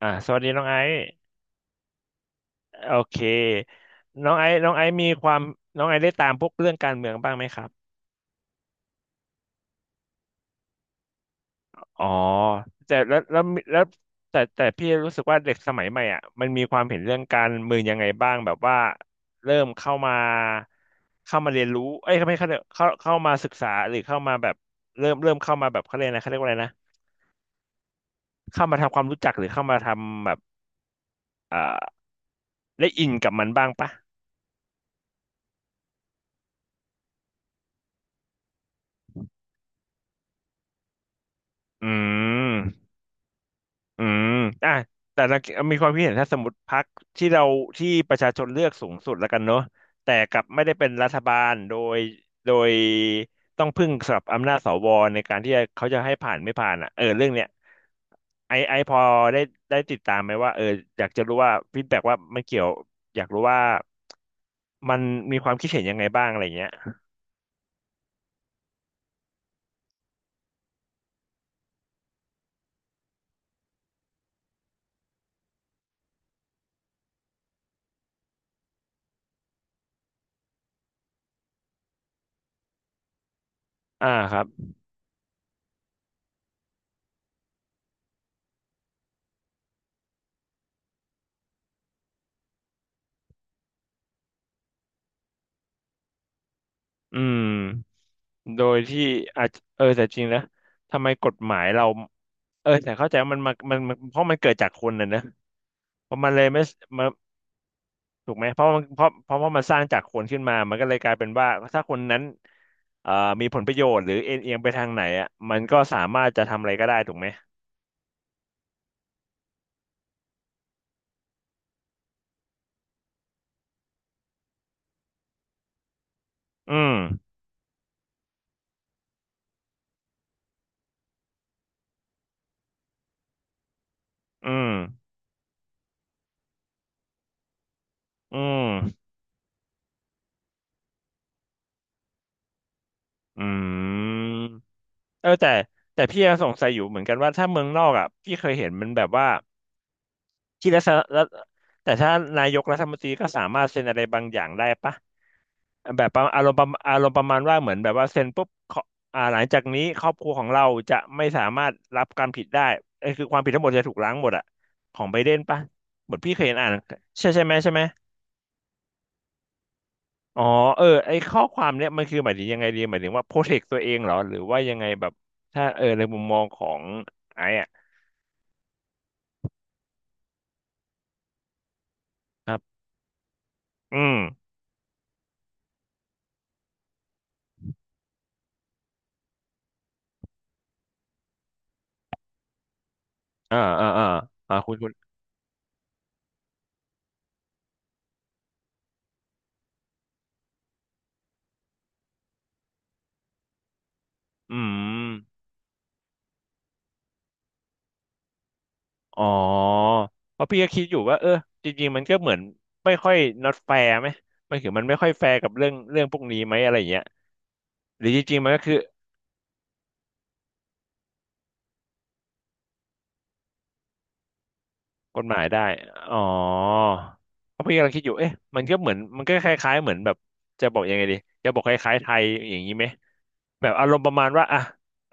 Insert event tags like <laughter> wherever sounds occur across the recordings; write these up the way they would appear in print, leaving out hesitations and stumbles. สวัสดีน้องไอซ์โอเคน้องไอซ์มีความน้องไอซ์ได้ตามพวกเรื่องการเมืองบ้างไหมครับอ๋อแต่แล้วแล้วแล้วแต่พี่รู้สึกว่าเด็กสมัยใหม่อ่ะมันมีความเห็นเรื่องการเมืองยังไงบ้างแบบว่าเริ่มเข้ามาเรียนรู้เอ้ยไม่เข้าเข้ามาศึกษาหรือเข้ามาแบบเริ่มเข้ามาแบบเขาเรียกอะไรเขาเรียกว่าอะไรนะเข้ามาทำความรู้จักหรือเข้ามาทำแบบอ่าได้อินกับมันบ้างปะอืม อืมอ่ะแต่เรามีความคิดเห็นถ้าสมมติพรรคที่เราที่ประชาชนเลือกสูงสุดแล้วกันเนอะแต่กลับไม่ได้เป็นรัฐบาลโดยต้องพึ่งสำหรับอำนาจสวในการที่จะเขาจะให้ผ่านไม่ผ่านอ่ะเออเรื่องเนี้ยไอไอพอได้ได้ติดตามไหมว่าเอออยากจะรู้ว่าฟีดแบ็กว่ามันเกี่ยวอยากรู้ว่ามันมีความคิดเห็นยังไงบ้างอะไรเงี้ยอ่าครับอืมโดยที่อาจเออแต่จริงนะทำไมกฎหมายเรา เออแต่เข้าใจว่ามันมามันเพราะมันเกิดจากคนน่ะนะเพราะมันเลยไม่มาถูกไหมเพราะมันเพราะมันสร้างจากคนขึ้นมามันก็เลยกลายเป็นว่าถ้าคนนั้นเอ่อมีผลประโยชน์หรือเอ็นเอียงไปทางไหนอ่ะมันก็สามารถจะทำอะไรก็ได้ถูกไหมอืมอืมอืมอืมเออแต่พี่ยังสงสัยอยู่เหมือนกันว่าถ้าเมืองนอกอ่ะพี่เคยเห็นมันแบบว่าที่รัฐแต่ถ้านายกรัฐมนตรีก็สามารถเซ็นอะไรบางอย่างได้ปะ แบบประมาณว่าเหมือนแบบว่าเซ็นปุ๊บเขาหลังจากนี้ครอบครัวของเราจะไม่สามารถรับความผิดได้เอ้ยคือความผิดทั้งหมดจะถูกล้างหมดอะของไบเดนปะเหมือนพี่เคยเห็นอ่านใช่ใช่ไหมใช่ไหมอ๋อเออไอข้อความเนี้ยมันคือหมายถึงยังไงดีหมายถึงว่าโปรเทคตัวเองเหรอหรือว่ายังไงแบบถ้าเออในมุมมองของไอ้อะครับอืมอ่าอ่าอ่าคุณคุณอืม อ๋อเพราะพี่ก็คิดอยู่ว่าเออจริงๆมันก็เหมือนไม่ค่อย not fair ไหมมันคือมันไม่ค่อยแฟร์กับเรื่องพวกนี้ไหมอะไรอย่างเงี้ยหรือจริงๆมันก็คือกฎหมายได้อ๋อเพราะพี่กำลังคิดอยู่เอ๊ะมันก็เหมือนมันก็คล้ายๆเหมือนแบบจะบอกยังไงดีจะบอกคล้ายๆไทยอย่างนี้ไหมแบบอารมณ์ประมาณว่าอ่ะ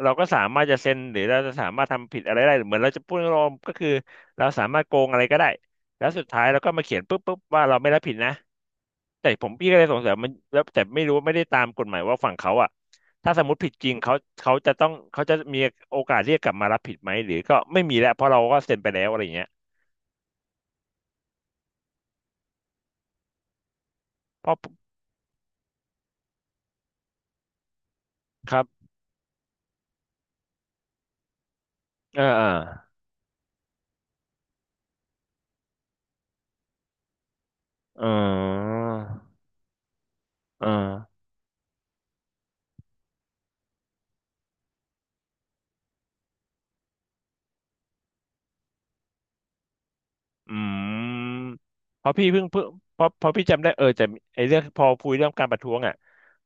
เราก็สามารถจะเซ็นหรือเราจะสามารถทำผิดอะไรได้เหมือนเราจะพูดรวมก็คือเราสามารถโกงอะไรก็ได้แล้วสุดท้ายเราก็มาเขียนปุ๊บปุ๊บว่าเราไม่รับผิดนะ แต่ผมพี่ก็เลยสงสัยมันแล้วแต่ไม่รู้ไม่ได้ตามกฎหมายว่าฝั่งเขาอ่ะถ้าสมมติผิดจริงเขาเขาจะต้องเขาจะมีโอกาสเรียกกลับมารับผิดไหมหรือก็ไม่มีแล้วเพราะเราก็เซ็นไปแล้วอะไรอย่างเงี้ยเพราะครับเออเออเออเออ อืมเพราะพี่เพิ่งเพราะพี่จำได้เออแต่ไอเรื่องพอพูดเรื่องการประท้วงอ่ะ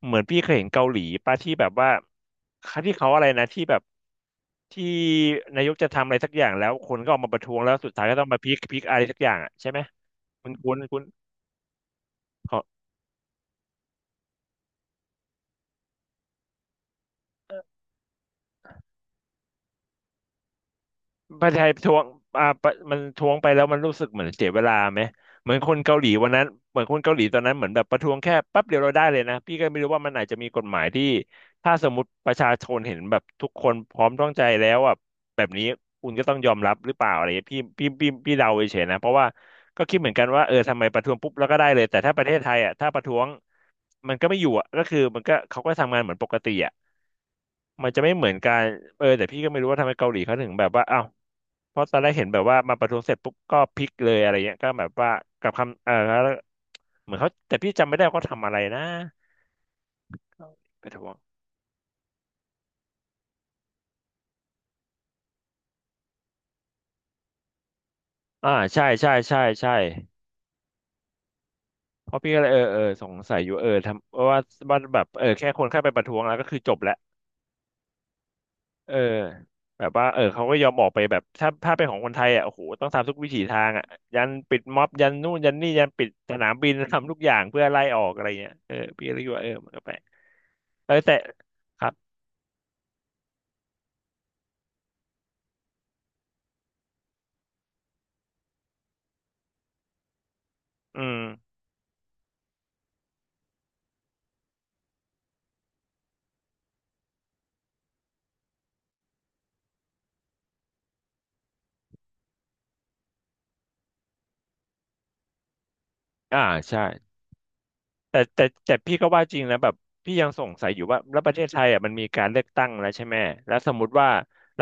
เหมือนพี่เคยเห็นเกาหลีป่ะที่แบบว่าเที่เขาอะไรนะที่แบบที่นายกจะทำอะไรสักอย่างแล้วคนก็ออกมาประท้วงแล้วสุดท้ายก็ต้องมาพีคอะไรสักอย่างอ่ะใช่ไหมคุณคุณคุณขอ ประเทศไทยทวงอ่าปะมันทวงไปแล้วมันรู้สึกเหมือนเสียเวลาไหมเหมือนคนเกาหลีวันนั้นเหมือนคนเกาหลีตอนนั้นเหมือนแบบประท้วงแค่แป๊บเดียวเราได้เลยนะพี่ก็ไม่รู้ว่ามันอาจจะมีกฎหมายที่ถ้าสมมติประชาชนเห็นแบบทุกคนพร้อมต้องใจแล้วอ่ะแบบนี้คุณก็ต้องยอมรับหรือเปล่าอะไรเงี้ยพี่เดาเฉยๆนะเพราะว่าก็คิดเหมือนกันว่าเออทำไมประท้วงปุ๊บแล้วก็ได้เลยแต่ถ้าประเทศไทยอ่ะถ้าประท้วงมันก็ไม่อยู่อ่ะก็คือมันก็เขาก็ทำงานเหมือนปกติอ่ะ มันจะไม่เหมือนกันเออแต่พี่ก็ไม่รู้ว่าทำไมเกาหลีเขาถึงแบบว่าอ้าวเพราะตอนแรกเห็นแบบว่ามาประท้วงเสร็จปุ๊บก็พลิกเลยอะไรเงี้ยก็แบบว่ากับคำเออแล้วเหมือนเขาแต่พี่จำไม่ได้ว่าเขาทำอะไรนะเกาหลีประท้วงอ่าใช่ใช่ใช่ใช่เพราะพี่ก็เลยเออสงสัยอยู่เออทำว่าว่าแบบเออแค่คนแค่ไปประท้วงแล้วก็คือจบแล้ว เออแบบว่าเออเขาก็ยอมออกไปแบบถ้าเป็นของคนไทยอ่ะโอ้โหต้องทำทุกวิถีทางอ่ะยันปิดม็อบยันนู่นยันนี่ยันปิดสนามบิน <laughs> ทำทุกอย่างเพื่อไล่ออกอะไรเงี้ยเออพี่กเลยคิดว่าเออมันก็แปลกเออแต่ครับอืมอ่าใช่ แต่พี่ก็ว่าจริงนะแบบพี่ยังสงสัยอยู่ว่าแล้วประเทศไทยอ่ะมันมีการเลือกตั้งแล้วใช่ไหมแล้วสมมติว่า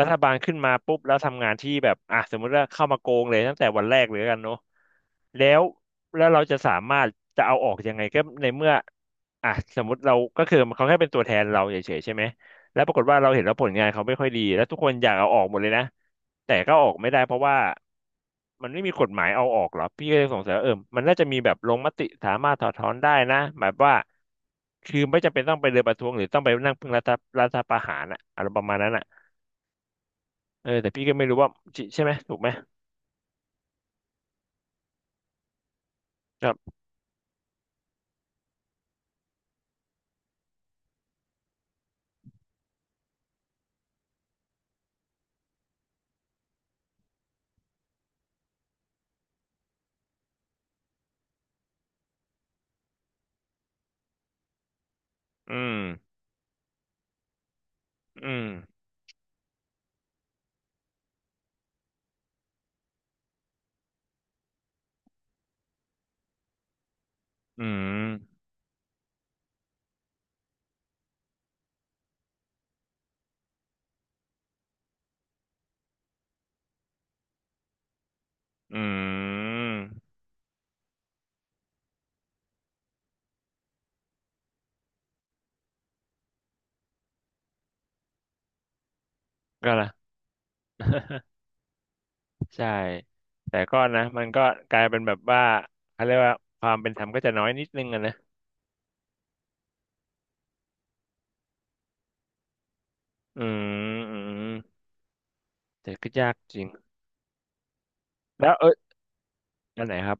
รัฐบาลขึ้นมาปุ๊บแล้วทำงานที่แบบอ่ะสมมติว่าเข้ามาโกงเลยตั้งแต่วันแรกเลยแล้วกันเนาะแล้วแล้วเราจะสามารถจะเอาออกยังไงก็ในเมื่ออ่ะสมมติเราก็คือเขาแค่เป็นตัวแทนเราเฉยๆใช่ไหม แล้วปรากฏว่าเราเห็นแล้วผลงานเขาไม่ค่อยดีแล้วทุกคนอยากเอาออกหมดเลยนะแต่ก็ออกไม่ได้เพราะว่ามันไม่มีกฎหมายเอาออกเหรอพี่ก็เลยสงสัยว่าเออมันน่าจะมีแบบลงมติสามารถถอดถอนได้นะหมายว่าคือไม่จำเป็นต้องไปเดินประท้วงหรือต้องไปนั่งพึ่งรัฐประหารอะอะไรประมาณนั้นอะเออแต่พี่ก็ไม่รู้ว่าจริงใช่ไหมถูกไหมครับอืมอืมอืมอืมก็ละ <laughs> ใช่แต่ก็นะมันก็กลายเป็นแบบว่าเขาเรียกว่าความเป็นธรรมก็จะน้อยนิดนึงอะนะอืมอืมแต่ก็ยากจริงแล้วเอออันไหนครับ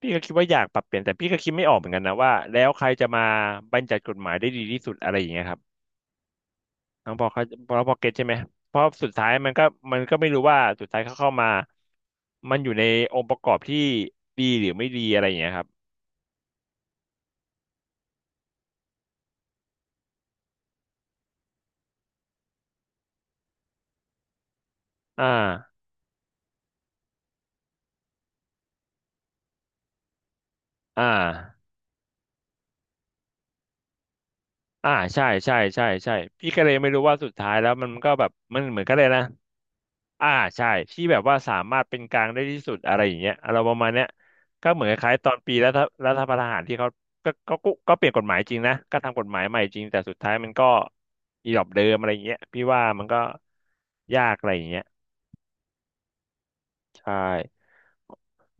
พี่ก็คิดว่าอยากปรับเปลี่ยนแต่พี่ก็คิดไม่ออกเหมือนกันนะว่าแล้วใครจะมาบัญญัติกฎหมายได้ดีที่สุดอะไรอย่างเงี้ยครับทั้งพอเขาพอเก็ตใช่ไหมเพราะสุดท้ายมันก็มันก็ไม่รู้ว่าสุดท้ายเขาเข้ามามันอยู่ในองค์ประกอบที่ดีหรือไม่ดีอะไรอย่างเงี้ยครับอ่าอ่า อ่าใช่ใช่ใช่ใช่พี่ก็เลยไม่รู้ว่าสุดท้ายแล้วมันก็แบบมันเหมือนกันเลยนะอ่าใช่ที่แบบว่าสามารถเป็นกลางได้ที่สุดอะไรอย่างเงี้ยเราประมาณเนี้ยก็เหมือนคล้ายๆตอนปีรัฐประหารที่เขาก็เปลี่ยนกฎหมายจริงนะก็ทำกฎหมายใหม่จริงแต่สุดท้ายมันก็อีหลอบเดิมอะไรอย่างเงี้ยพี่ว่ามันก็ยากอะไรอย่างเงี้ยใช่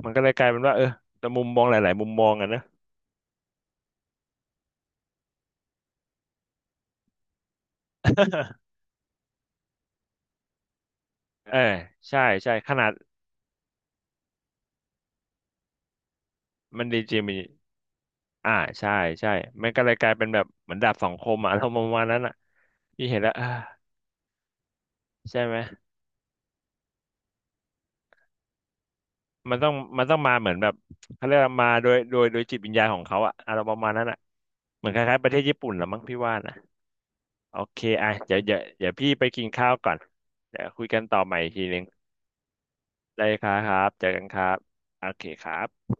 มันก็เลยกลายเป็นว่าเออแต่มุมมองหลายๆมุมมองอะนะ <laughs> เออใช่ใช่ขนาดมันดีจริง อ่าใช่ใช่มันก็เลยกลายเป็นแบบเหมือนดาบสองคมอะ <laughs> อารมณ์ประมาณนั้นอ่ะพี่เห็นแล้วอ่าใช่ไหมมันต้องมันต้องมาเหมือนแบบเขาเรียกว่ามาโดยจิตวิญญาณของเขาอะอารมณ์ประมาณนั้นอ่ะเหมือนคล้ายๆประเทศญี่ปุ่นละมั้งพี่ว่านะโอเคอ่ะเดี๋ยวพี่ไปกินข้าวก่อนเดี๋ยวคุยกันต่อใหม่อีกทีนึงได้ครับครับเจอกันครับโอเคครับ